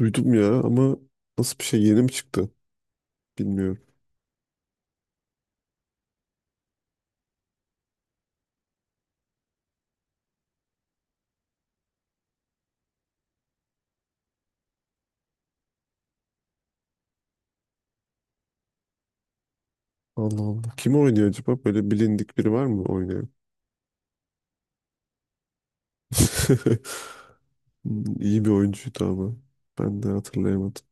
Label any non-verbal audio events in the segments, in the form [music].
Duydum ya ama nasıl bir şey yeni mi çıktı bilmiyorum. Allah Allah. Kim oynuyor acaba? Böyle bilindik biri var mı oynayan? [laughs] İyi bir oyuncuydu ama ben de hatırlayamadım.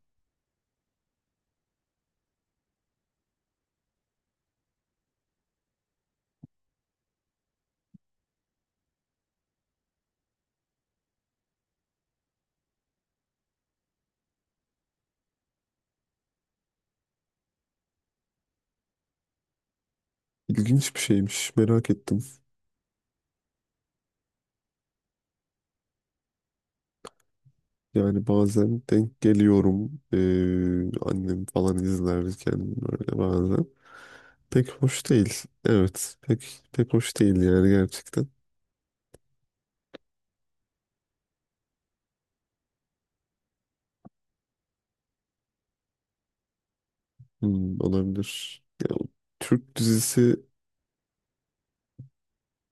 İlginç bir şeymiş merak ettim. Yani bazen denk geliyorum annem falan izlerken böyle bazen. Pek hoş değil. Evet, pek pek hoş değil yani gerçekten. Hmm, olabilir. Ya, Türk dizisi.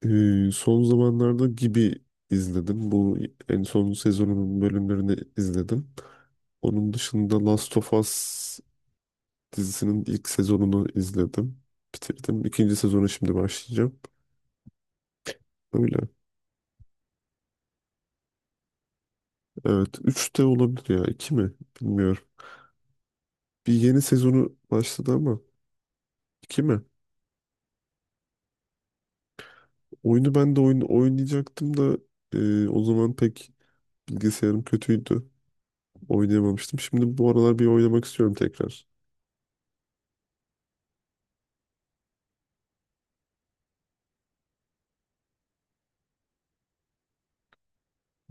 Son zamanlarda gibi izledim. Bu en son sezonunun bölümlerini izledim. Onun dışında Last of Us dizisinin ilk sezonunu izledim. Bitirdim. İkinci sezonu şimdi başlayacağım. Öyle. Evet. Üç de olabilir ya. İki mi? Bilmiyorum. Bir yeni sezonu başladı ama iki mi? Oyunu ben de oyun oynayacaktım da o zaman pek bilgisayarım kötüydü. Oynayamamıştım. Şimdi bu aralar bir oynamak istiyorum tekrar.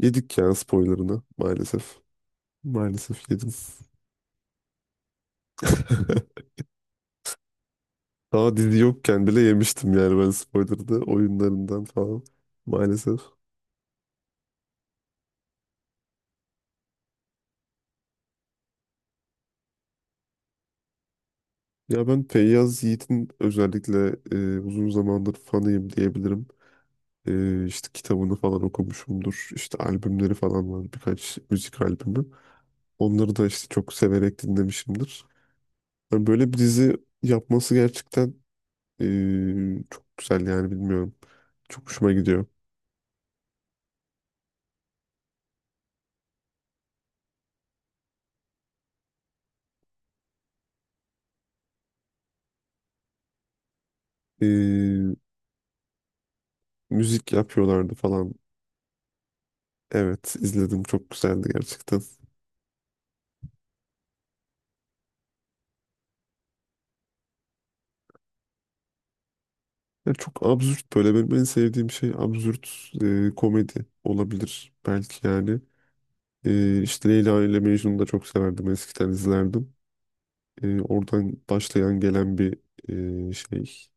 Yedik ya spoilerını maalesef. Maalesef yedim. [laughs] Daha dizi yokken bile yemiştim yani ben spoiler'da oyunlarından falan. Maalesef. Ya, ben Feyyaz Yiğit'in özellikle uzun zamandır fanıyım diyebilirim. İşte kitabını falan okumuşumdur. İşte albümleri falan var birkaç müzik albümü. Onları da işte çok severek dinlemişimdir. Yani böyle bir dizi yapması gerçekten e, çok güzel yani bilmiyorum. Çok hoşuma gidiyor. E, Müzik yapıyorlardı falan. Evet, izledim çok güzeldi gerçekten. Ya, çok absürt böyle benim en sevdiğim şey absürt komedi olabilir belki yani. İşte Leyla ile Mecnun'u da çok severdim eskiden izlerdim. Oradan başlayan gelen bir şey.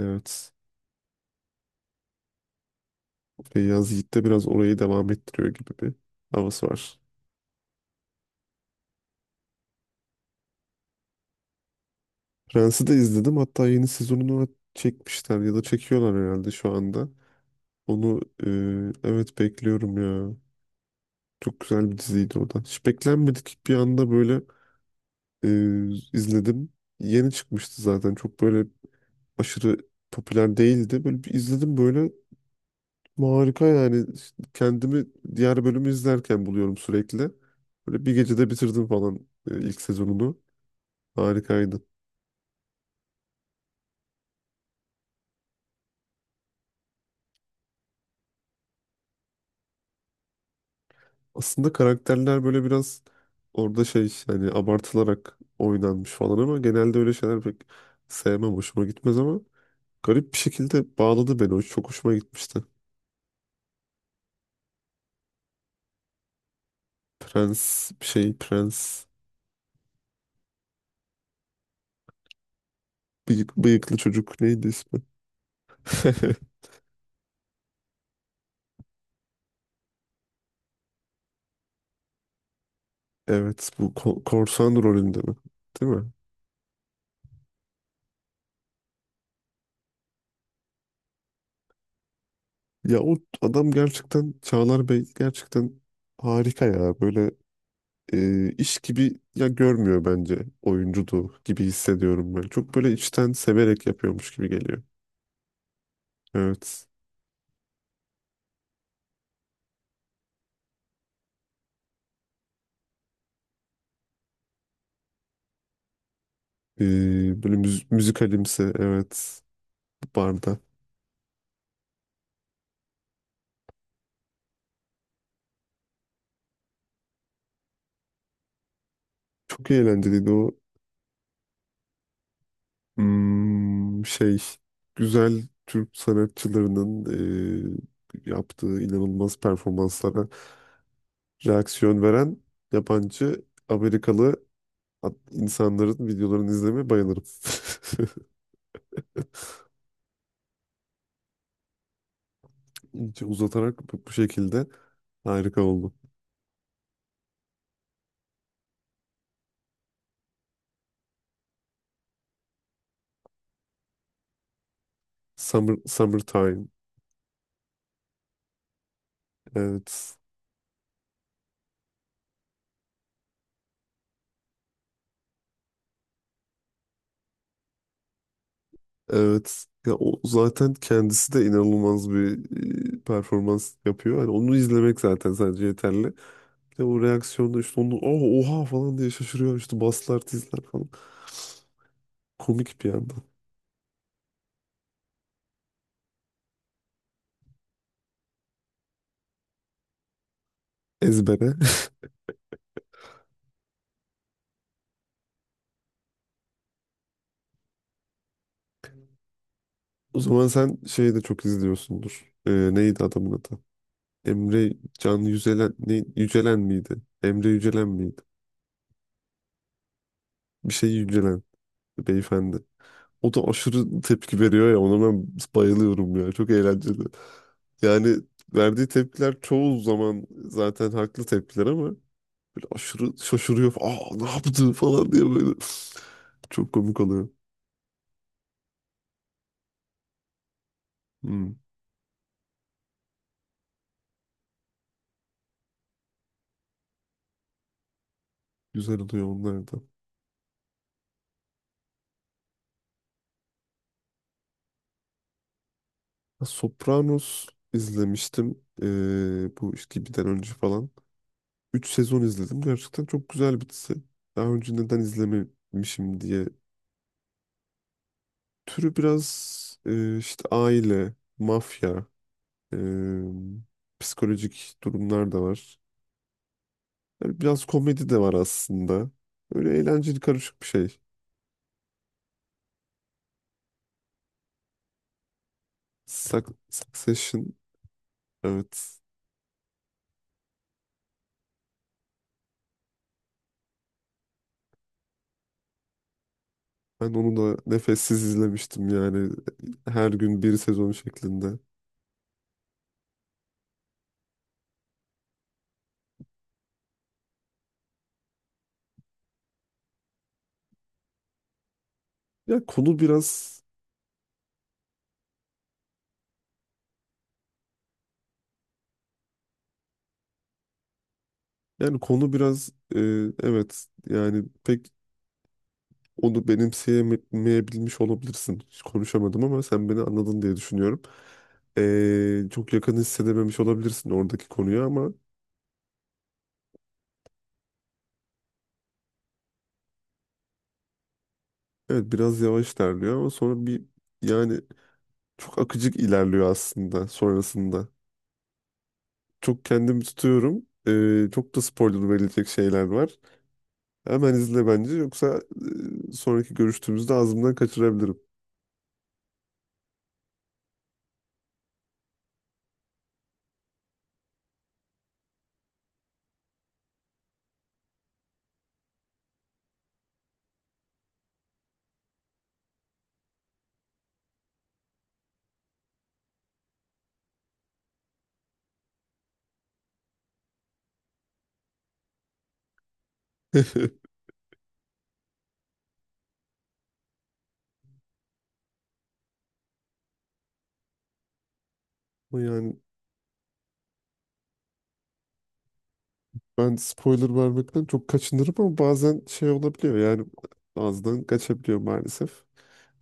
Evet, Feyyaz Yiğit de biraz orayı devam ettiriyor gibi bir havası var. Prens'i de izledim hatta yeni sezonunu çekmişler ya da çekiyorlar herhalde şu anda. Onu, evet, bekliyorum ya. Çok güzel bir diziydi o da. Hiç beklenmedik bir anda böyle e, izledim. Yeni çıkmıştı zaten. Çok böyle aşırı popüler değildi. Böyle bir izledim böyle harika yani. İşte kendimi diğer bölümü izlerken buluyorum sürekli. Böyle bir gecede bitirdim falan ilk sezonunu. Harikaydı. Aslında karakterler böyle biraz orada şey hani abartılarak oynanmış falan ama genelde öyle şeyler pek sevmem. Hoşuma gitmez ama garip bir şekilde bağladı beni. O çok hoşuma gitmişti. Prens bir şey prens bıyıklı çocuk neydi ismi? [laughs] Evet, bu korsan rolünde mi? Değil mi? Ya o adam gerçekten Çağlar Bey gerçekten harika ya. Böyle iş gibi ya görmüyor bence, oyunculuğu gibi hissediyorum ben. Çok böyle içten severek yapıyormuş gibi geliyor. Evet. E, Böyle müzikalimsi, evet, barda. Çok eğlenceliydi o. Şey, güzel Türk sanatçılarının yaptığı inanılmaz performanslara reaksiyon veren yabancı Amerikalı insanların videolarını izlemeye bayılırım. [laughs] İnce uzatarak bu şekilde harika oldu. Summertime. Evet. Evet. Ya o zaten kendisi de inanılmaz bir performans yapıyor. Hani onu izlemek zaten sadece yeterli. De o reaksiyonda işte onu "Aa, oha" falan diye şaşırıyor, işte baslar tizler falan. Komik bir yandan. Ezbere. [laughs] O zaman sen şeyi de çok izliyorsundur. Neydi adamın adı? Emre Can Yücelen, ne, Yücelen miydi? Emre Yücelen miydi? Bir şey Yücelen beyefendi. O da aşırı tepki veriyor ya, ona ben bayılıyorum ya. Çok eğlenceli. Yani verdiği tepkiler çoğu zaman zaten haklı tepkiler ama böyle aşırı şaşırıyor. Aa, ne yaptı falan diye böyle. [laughs] Çok komik oluyor. Hmm, Güzel oluyor onlar da. Ha, Sopranos izlemiştim. Bu işte gibiden önce falan. 3 sezon izledim. Gerçekten çok güzel bir dizi. Daha önce neden izlememişim diye. Türü biraz işte aile, mafya, e, psikolojik durumlar da var. Yani biraz komedi de var aslında. Öyle eğlenceli karışık bir şey. Succession. Evet. Ben onu da nefessiz izlemiştim yani her gün bir sezon şeklinde. Ya, konu biraz, yani konu biraz e, evet, yani pek onu benimseyemeyebilmiş olabilirsin. Hiç konuşamadım ama sen beni anladın diye düşünüyorum. Çok yakın hissedememiş olabilirsin oradaki konuya ama evet, biraz yavaş ilerliyor ama sonra bir, yani çok akıcık ilerliyor aslında sonrasında. Çok kendimi tutuyorum. Çok da spoiler verilecek şeyler var. Hemen izle bence, yoksa sonraki görüştüğümüzde ağzımdan kaçırabilirim. [laughs] Ama yani ben spoiler vermekten çok kaçınırım ama bazen şey olabiliyor, yani ağızdan kaçabiliyor maalesef.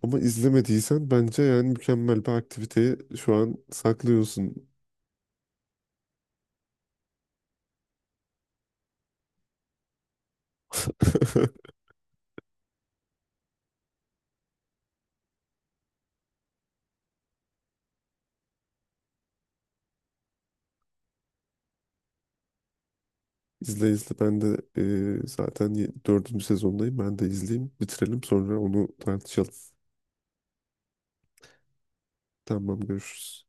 Ama izlemediysen bence yani mükemmel bir aktiviteyi şu an saklıyorsun. [laughs] İzle, izle, ben de zaten dördüncü sezondayım, ben de izleyeyim, bitirelim, sonra onu tartışalım. Tamam, görüşürüz.